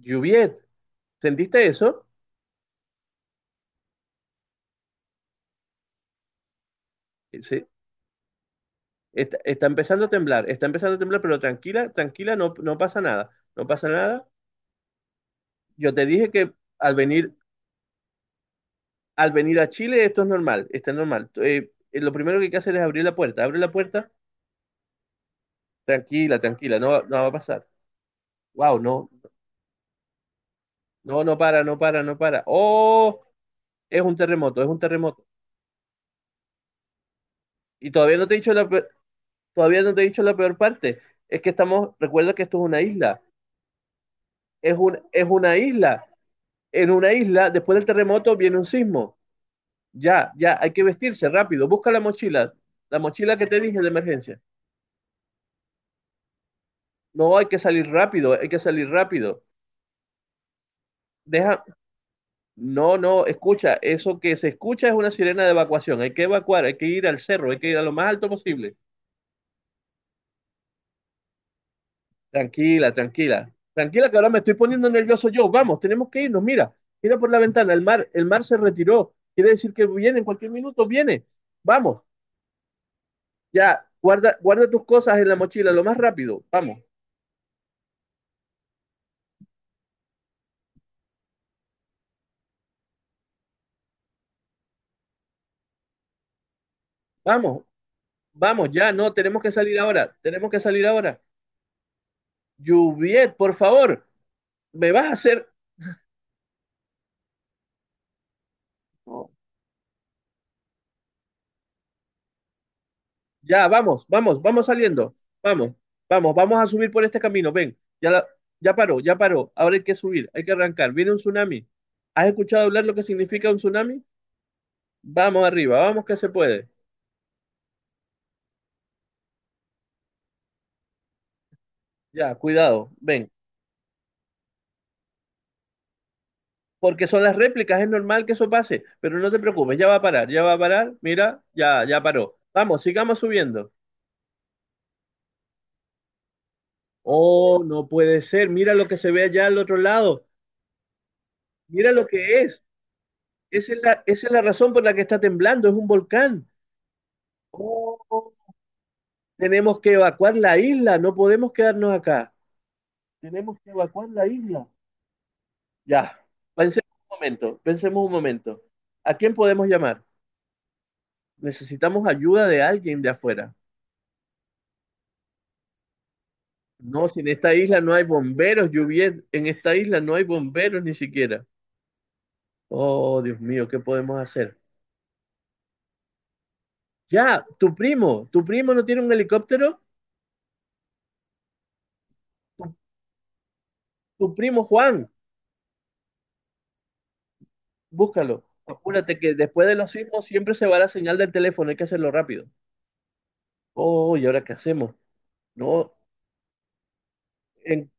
Juviet, ¿sentiste eso? Sí. Está empezando a temblar, está empezando a temblar, pero tranquila, tranquila, no, no pasa nada, no pasa nada. Yo te dije que al venir, al venir a Chile esto es normal, está normal. Lo primero que hay que hacer es abrir la puerta, abre la puerta, tranquila, tranquila, no, no va a pasar. Wow, no, no, no para, no para, no para. Oh, es un terremoto, es un terremoto. Y todavía no te he dicho la peor- Todavía no te he dicho la peor parte. Es que estamos, recuerda que esto es una isla, es una isla. En una isla, después del terremoto viene un sismo. Ya, ya, hay que vestirse rápido. Busca la mochila que te dije de emergencia. No, hay que salir rápido, hay que salir rápido. Deja, no, no, escucha, eso que se escucha es una sirena de evacuación. Hay que evacuar, hay que ir al cerro, hay que ir a lo más alto posible. Tranquila, tranquila. Tranquila que ahora me estoy poniendo nervioso yo. Vamos, tenemos que irnos. Mira, mira por la ventana, el mar se retiró. Quiere decir que viene en cualquier minuto, viene. Vamos. Ya, guarda, guarda tus cosas en la mochila, lo más rápido. Vamos, vamos, vamos, ya, no, tenemos que salir ahora, tenemos que salir ahora. Juviet, por favor, me vas a hacer. No, ya, vamos, vamos, vamos saliendo. Vamos, vamos, vamos a subir por este camino. Ven, ya, ya paró, ya paró. Ahora hay que subir, hay que arrancar. Viene un tsunami. ¿Has escuchado hablar lo que significa un tsunami? Vamos arriba, vamos que se puede. Ya, cuidado, ven. Porque son las réplicas, es normal que eso pase, pero no te preocupes, ya va a parar, ya va a parar, mira, ya, ya paró. Vamos, sigamos subiendo. Oh, no puede ser, mira lo que se ve allá al otro lado, mira lo que es. Esa es la razón por la que está temblando, es un volcán. Oh, tenemos que evacuar la isla, no podemos quedarnos acá. Tenemos que evacuar la isla. Ya, pensemos un momento, pensemos un momento. ¿A quién podemos llamar? Necesitamos ayuda de alguien de afuera. No, si en esta isla no hay bomberos, Juviet, en esta isla no hay bomberos ni siquiera. Oh, Dios mío, ¿qué podemos hacer? Ya, tu primo no tiene un helicóptero, tu, tu primo Juan, búscalo. Apúrate que después de los sismos siempre se va la señal del teléfono, hay que hacerlo rápido. Oh, ¿y ahora qué hacemos? No, en-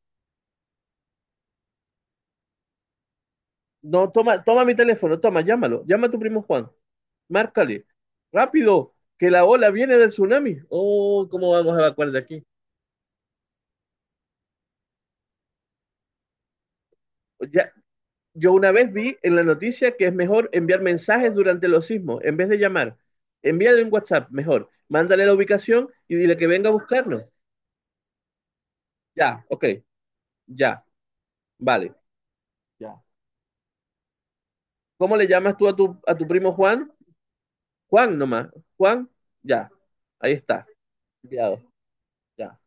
no, toma, toma mi teléfono, toma, llámalo, llama a tu primo Juan, márcale, rápido, que la ola viene del tsunami. Oh, ¿cómo vamos a evacuar de aquí? Ya, yo una vez vi en la noticia que es mejor enviar mensajes durante los sismos en vez de llamar. Envíale un WhatsApp, mejor. Mándale la ubicación y dile que venga a buscarnos. Ya, ok, ya, vale. Ya. ¿Cómo le llamas tú a tu primo Juan? Juan nomás. Juan, ya. Ahí está. Enviado, ya.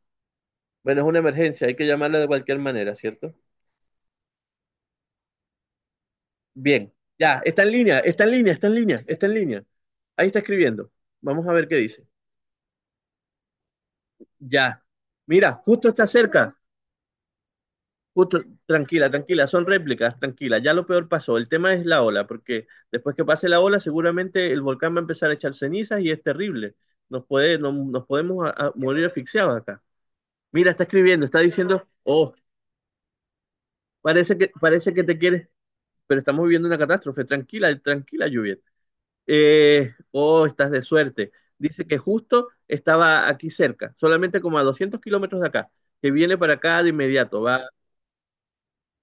Bueno, es una emergencia, hay que llamarlo de cualquier manera, ¿cierto? Bien, ya, está en línea, está en línea, está en línea, está en línea. Ahí está escribiendo. Vamos a ver qué dice. Ya. Mira, justo está cerca. Justo, tranquila, tranquila, son réplicas, tranquila, ya lo peor pasó. El tema es la ola, porque después que pase la ola, seguramente el volcán va a empezar a echar cenizas y es terrible. Nos puede, no- Nos podemos morir asfixiados acá. Mira, está escribiendo, está diciendo, oh, parece que te quieres, pero estamos viviendo una catástrofe. Tranquila, tranquila, lluvia. Oh, estás de suerte. Dice que justo estaba aquí cerca, solamente como a 200 kilómetros de acá, que viene para acá de inmediato. Va,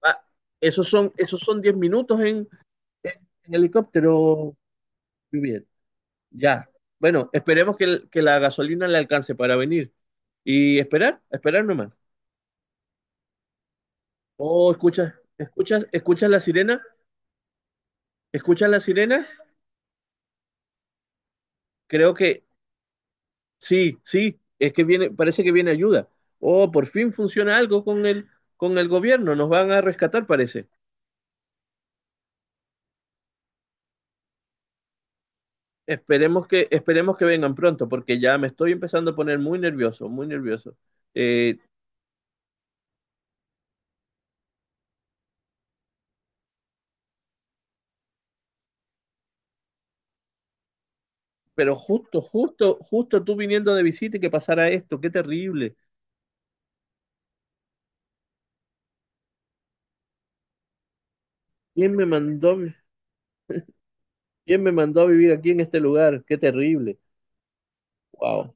va, esos son 10 minutos En en helicóptero, muy bien. Ya. Bueno, esperemos que, que la gasolina le alcance para venir. Y esperar, esperar nomás. Oh, escuchas, escuchas, escuchas la sirena, escuchas la sirena. Creo que sí, sí, es que viene, parece que viene ayuda. Oh, por fin funciona algo con el gobierno, nos van a rescatar, parece. Esperemos que vengan pronto, porque ya me estoy empezando a poner muy nervioso, muy nervioso. Eh, Pero justo, justo, justo tú viniendo de visita y que pasara esto, qué terrible. ¿Quién me mandó, vi- quién me mandó a vivir aquí en este lugar? Qué terrible. Wow.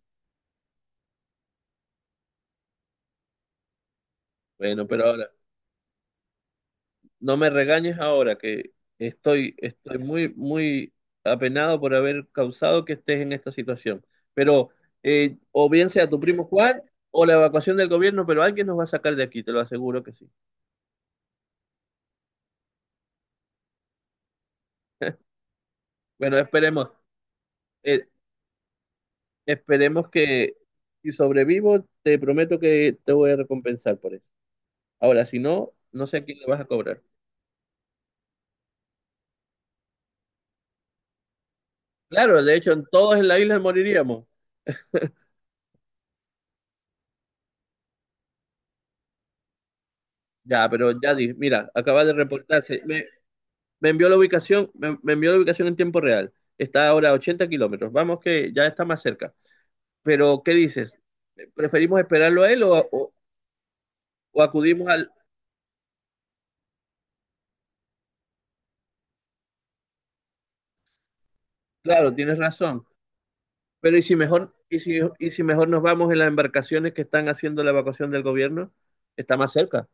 Bueno, pero ahora, no me regañes ahora que estoy muy, muy apenado por haber causado que estés en esta situación. Pero o bien sea tu primo Juan o la evacuación del gobierno, pero alguien nos va a sacar de aquí, te lo aseguro que sí. Bueno, esperemos. Eh, Esperemos que si sobrevivo, te prometo que te voy a recompensar por eso. Ahora, si no, no sé a quién le vas a cobrar. Claro, de hecho, en todos en la isla moriríamos. Ya, pero ya di, mira, acaba de reportarse. Me envió la ubicación, me envió la ubicación en tiempo real. Está ahora a 80 kilómetros. Vamos que ya está más cerca. Pero, ¿qué dices? ¿Preferimos esperarlo a él o acudimos al... Claro, tienes razón. Pero ¿y si mejor, y si mejor nos vamos en las embarcaciones que están haciendo la evacuación del gobierno? Está más cerca.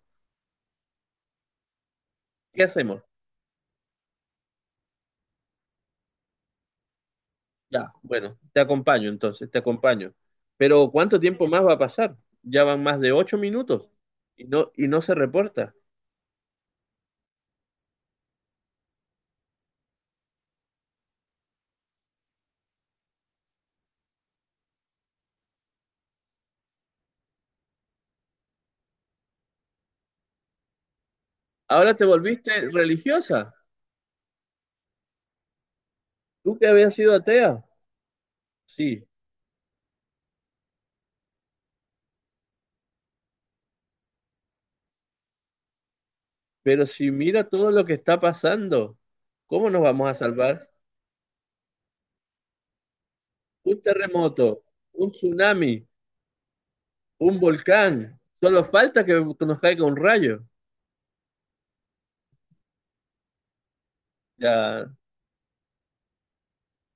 ¿Qué hacemos? Ya, bueno, te acompaño entonces, te acompaño. Pero ¿cuánto tiempo más va a pasar? Ya van más de 8 minutos y no se reporta. Ahora te volviste religiosa. Tú que habías sido atea. Sí, pero si mira todo lo que está pasando, ¿cómo nos vamos a salvar? Un terremoto, un tsunami, un volcán. Solo falta que nos caiga un rayo. Ya,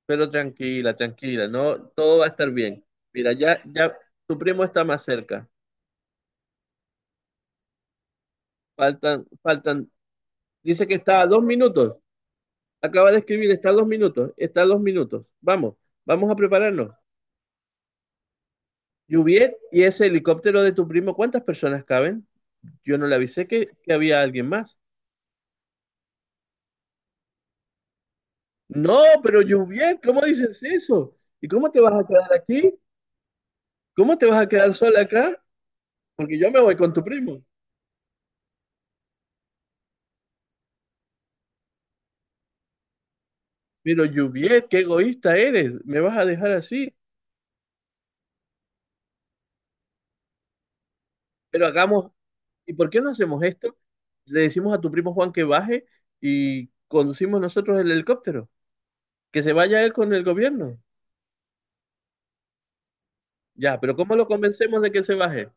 pero tranquila, tranquila, no, todo va a estar bien. Mira, ya, ya, tu primo está más cerca. Faltan, dice que está a 2 minutos. Acaba de escribir, está a 2 minutos, está a 2 minutos. Vamos, vamos a prepararnos. Juviet y ese helicóptero de tu primo, ¿cuántas personas caben? Yo no le avisé que había alguien más. No, pero Juviet, ¿cómo dices eso? ¿Y cómo te vas a quedar aquí? ¿Cómo te vas a quedar sola acá? Porque yo me voy con tu primo. Pero Juviet, qué egoísta eres, me vas a dejar así. Pero hagamos, ¿Y por qué no hacemos esto? Le decimos a tu primo Juan que baje y conducimos nosotros el helicóptero, que se vaya él con el gobierno. Ya, pero ¿cómo lo convencemos de que se baje?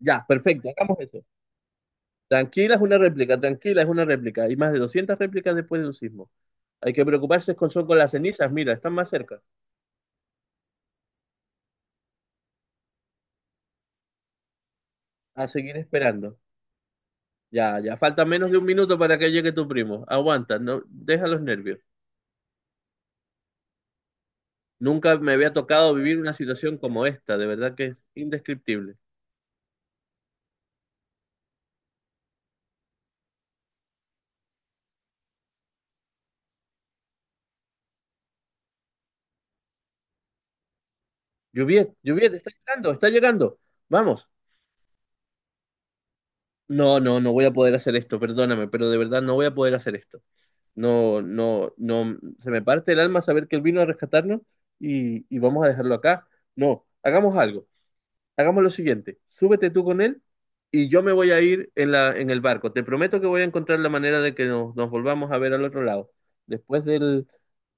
Ya, perfecto, hagamos eso. Tranquila es una réplica, tranquila es una réplica. Hay más de 200 réplicas después de un sismo. Hay que preocuparse con, son con las cenizas, mira, están más cerca. A seguir esperando. Ya, ya, falta menos de un minuto para que llegue tu primo. Aguanta, no, deja los nervios. Nunca me había tocado vivir una situación como esta, de verdad que es indescriptible. Juviet, Juviet, está llegando, está llegando. Vamos. No, no, no voy a poder hacer esto, perdóname, pero de verdad no voy a poder hacer esto. No, no, no, se me parte el alma saber que él vino a rescatarnos y vamos a dejarlo acá. No, hagamos algo. Hagamos lo siguiente, súbete tú con él y yo me voy a ir en en el barco. Te prometo que voy a encontrar la manera de que nos volvamos a ver al otro lado, después del,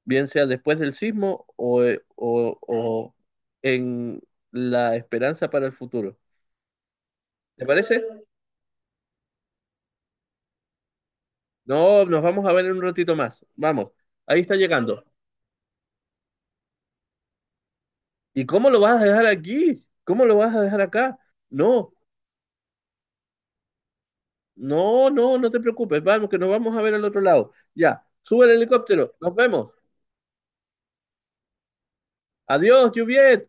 bien sea después del sismo o en la esperanza para el futuro. ¿Te parece? No, nos vamos a ver en un ratito más. Vamos, ahí está llegando. ¿Y cómo lo vas a dejar aquí? ¿Cómo lo vas a dejar acá? No, no, no, no te preocupes. Vamos, que nos vamos a ver al otro lado. Ya, sube el helicóptero. Nos vemos. Adiós, Juviet.